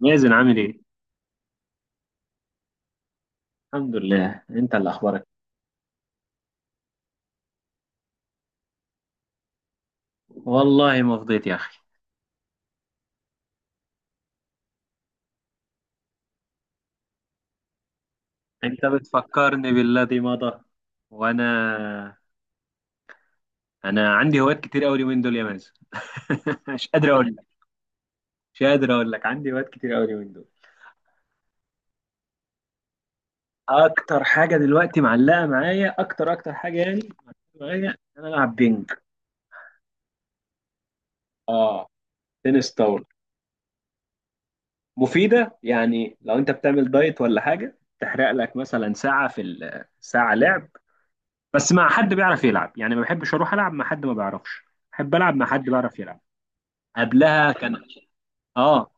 مازن، عامل ايه؟ الحمد لله، انت اللي اخبارك. والله ما فضيت يا اخي. انت بتفكرني بالذي مضى. وانا عندي هوايات كتير قوي اليومين دول يا مازن. مش قادر اقول لك. مش قادر اقول لك، عندي هوايات كتير قوي اليومين دول. اكتر حاجه دلوقتي معلقه معايا، اكتر حاجه يعني، معلقة معايا إن انا العب بينج. اه، تنس طاوله. مفيده يعني، لو انت بتعمل دايت ولا حاجه تحرق لك مثلا ساعه، ساعه لعب. بس مع حد بيعرف يلعب يعني، ما بحبش اروح العب مع حد ما بيعرفش، بحب العب مع حد بيعرف يلعب. قبلها كان. اه.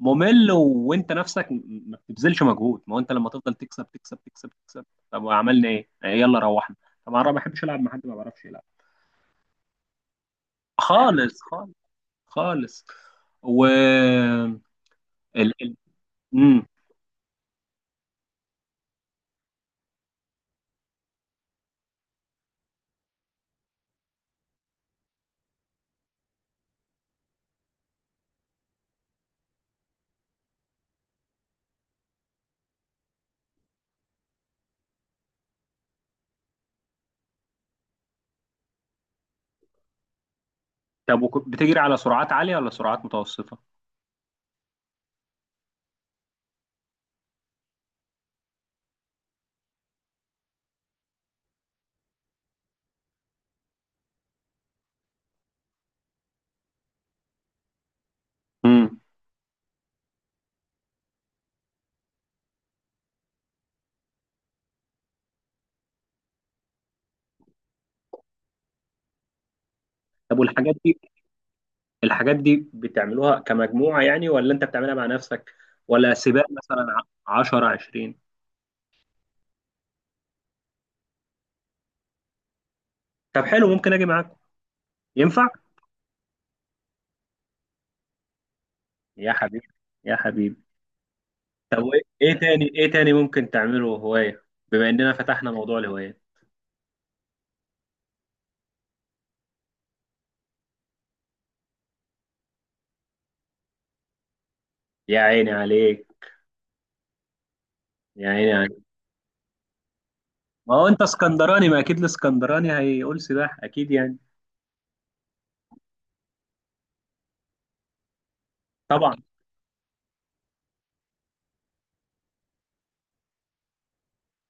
ممل، وانت نفسك ما بتبذلش مجهود، ما هو انت لما تفضل تكسب تكسب تكسب تكسب، طب وعملنا ايه. يلا روحنا. طبعا انا ما بحبش العب مع حد ما بيعرفش يلعب. خالص خالص. خالص. و ال... ال... مم. طب بتجري على سرعات عالية ولا سرعات متوسطة؟ امم. طب والحاجات دي، الحاجات دي بتعملوها كمجموعة يعني ولا انت بتعملها مع نفسك، ولا سباق مثلا؟ 10، 20. طب حلو، ممكن اجي معاكم؟ ينفع؟ يا حبيبي يا حبيبي. طب ايه تاني، ممكن تعمله هواية؟ بما اننا فتحنا موضوع الهواية. يا عيني عليك، يا عيني عليك. ما هو انت اسكندراني، ما اكيد الاسكندراني هيقول سباحة اكيد يعني. طبعا.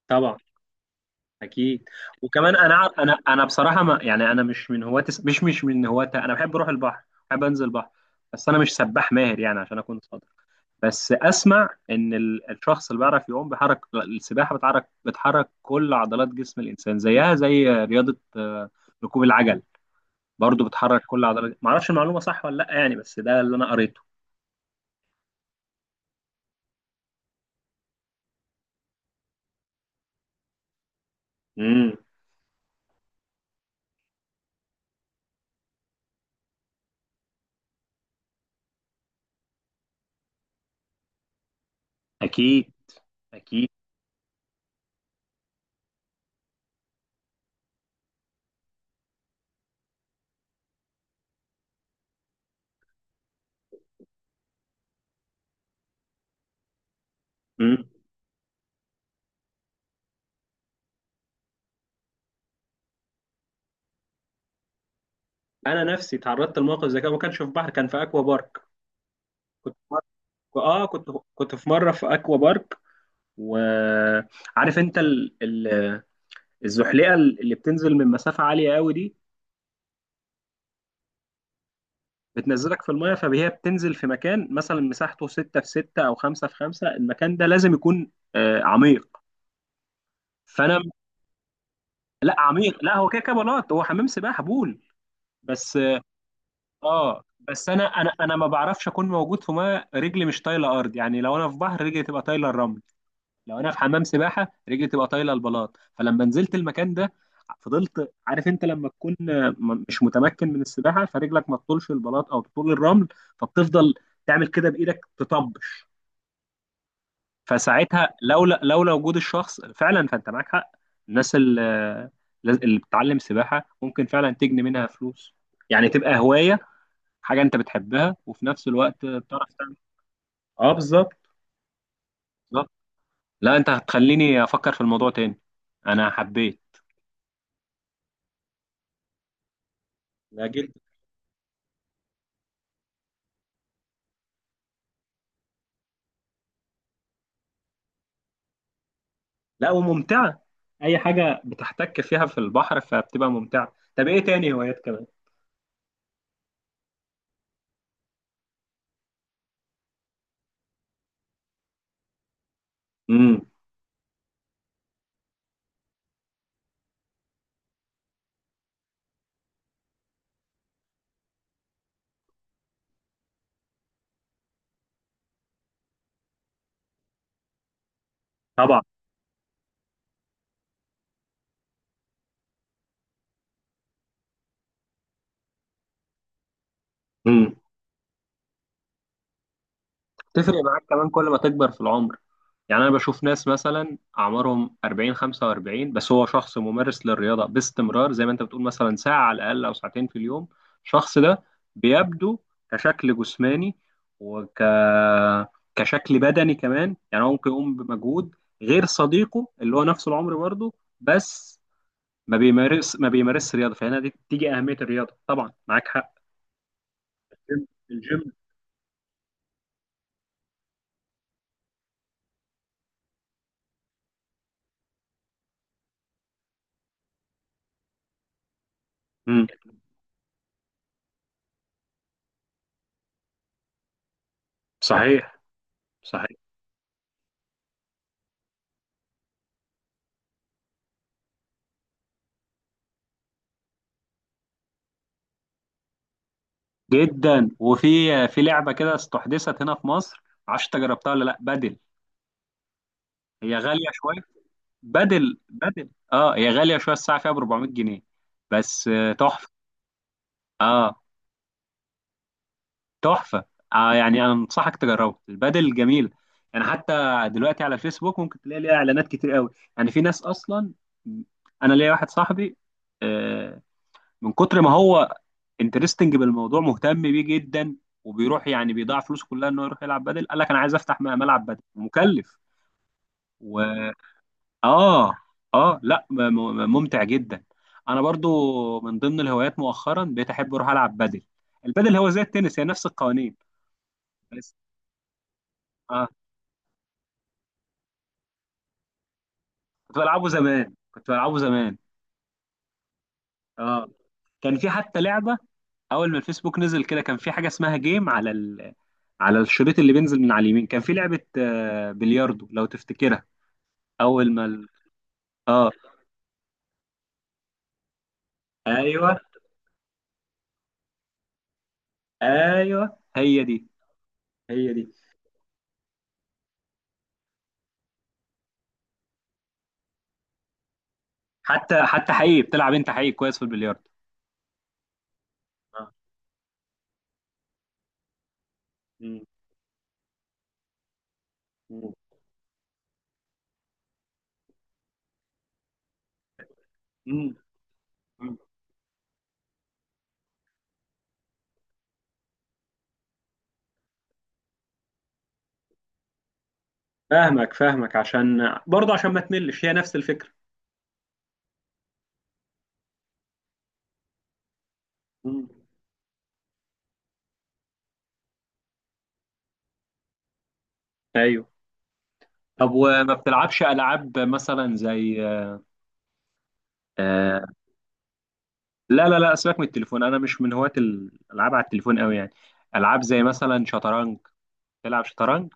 طبعا. اكيد. وكمان انا بصراحه، ما يعني انا مش من هواة الس- مش مش من هواة. انا بحب اروح البحر، بحب انزل البحر. بس انا مش سباح ماهر يعني عشان اكون صادق. بس اسمع ان الشخص اللي بيعرف يعوم بيحرك السباحه، بتحرك كل عضلات جسم الانسان، زيها زي رياضه. ركوب العجل برضو بتحرك كل عضلات. ما اعرفش المعلومه صح ولا لا يعني، بس ده اللي انا قريته. امم. اكيد. اكيد. امم. انا نفسي تعرضت لموقف زي كده. ما كانش في بحر، كان في اكوا بارك. اه، كنت، كنت في مره في اكوا بارك. وعارف انت الزحليقه اللي بتنزل من مسافه عاليه قوي دي، بتنزلك في الميه، فهي بتنزل في مكان مثلا مساحته 6 في 6 او 5 في 5. المكان ده لازم يكون عميق. فانا، لا عميق، لا هو كده كده بلاط، هو حمام سباحه، بول بس. اه، بس انا ما بعرفش اكون موجود في ميه رجلي مش طايله ارض، يعني لو انا في بحر رجلي تبقى طايله الرمل، لو انا في حمام سباحه رجلي تبقى طايله البلاط. فلما نزلت المكان ده فضلت، عارف انت لما تكون مش متمكن من السباحه فرجلك ما تطولش البلاط او تطول الرمل، فبتفضل تعمل كده بايدك، تطبش. فساعتها، لولا وجود الشخص فعلا، فانت معاك حق. الناس اللي، اللي بتتعلم سباحه ممكن فعلا تجني منها فلوس، يعني تبقى هوايه، حاجه انت بتحبها وفي نفس الوقت بتعرف تعمل. اه، بالظبط. بالظبط. لا، انت هتخليني افكر في الموضوع تاني. انا حبيت. لا، جدا. لا، وممتعة. أي حاجة بتحتك فيها في البحر فبتبقى ممتعة. طب إيه تاني هوايات كمان؟ امم. طبعا. امم. تفرق معاك كمان كل ما تكبر في العمر، يعني أنا بشوف ناس مثلا أعمارهم 40، 45، بس هو شخص ممارس للرياضة باستمرار زي ما أنت بتقول، مثلا ساعة على الأقل أو ساعتين في اليوم. الشخص ده بيبدو كشكل جسماني، وك كشكل بدني كمان، يعني هو ممكن يقوم بمجهود غير صديقه اللي هو نفس العمر برضه، بس ما بيمارسش رياضه، فهنا دي تيجي اهميه الرياضه. طبعا معاك حق. الجيم الجيم. امم. صحيح. صحيح. جدا. وفي، في لعبه كده استحدثت هنا في مصر، معرفش انت جربتها ولا لا، بدل. هي غاليه شويه. بدل، اه، هي غاليه شويه، الساعه فيها ب 400 جنيه. بس، تحفه. اه، تحفه. يعني انا انصحك تجربها، البدل جميل. يعني حتى دلوقتي على فيسبوك ممكن تلاقي ليها اعلانات كتير قوي. يعني في ناس اصلا، انا ليا واحد صاحبي، آه، من كتر ما هو انترستنج بالموضوع، مهتم بيه جدا، وبيروح يعني بيضيع فلوسه كلها انه يروح يلعب بدل. قال لك انا عايز افتح ملعب بدل، مكلف. و اه. اه، لا، ممتع جدا. انا برضو من ضمن الهوايات مؤخرا بقيت احب اروح العب بدل. البدل هو زي التنس، هي نفس القوانين. بس. اه، كنت بلعبه زمان، كنت بلعبه زمان. اه، كان في حتى لعبه، اول ما الفيسبوك نزل كده كان في حاجه اسمها جيم على على الشريط اللي بينزل من على اليمين، كان في لعبه بلياردو، لو تفتكرها. اول ما ال- اه، ايوه، ايوه، هي دي، هي دي. حتى حقيقي، بتلعب انت حقيقي كويس في البلياردو. آه. مم. مم. مم. مم. فاهمك، فاهمك، عشان برضه، عشان ما تملش، هي نفس الفكرة. مم. ايوه. طب وما بتلعبش العاب مثلا زي، آه... لا لا لا، سيبك من التليفون، انا مش من هواة الالعاب على التليفون قوي يعني. العاب زي مثلا شطرنج، تلعب شطرنج،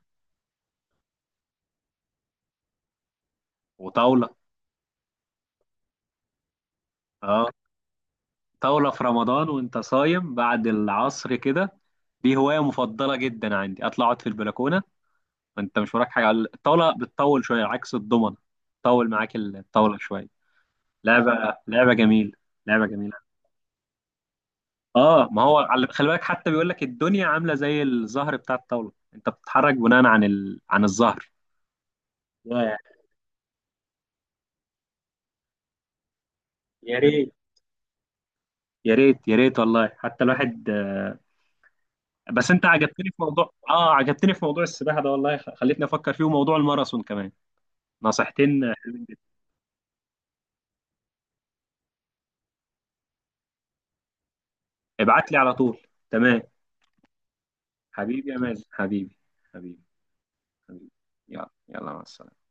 وطاولة. اه، طاولة في رمضان وانت صايم بعد العصر كده، دي هواية مفضلة جدا عندي، اطلع اقعد في البلكونة وانت مش وراك حاجة، على الطاولة بتطول شوية عكس الضمنة، طول معاك الطاولة شوية. لعبة جميلة، لعبة جميلة. اه، ما هو على، خلي بالك، حتى بيقول لك الدنيا عاملة زي الزهر بتاع الطاولة، انت بتتحرك بناء عن عن الزهر. يا يا ريت، يا ريت، يا ريت والله، حتى الواحد، بس انت عجبتني في موضوع، عجبتني في موضوع السباحة ده والله، خلتني افكر فيه، وموضوع الماراثون كمان. نصيحتين، ابعت لي على طول. تمام. حبيبي يا مازن، حبيبي، حبيبي. حبيبي. يلا يلا، مع السلامة.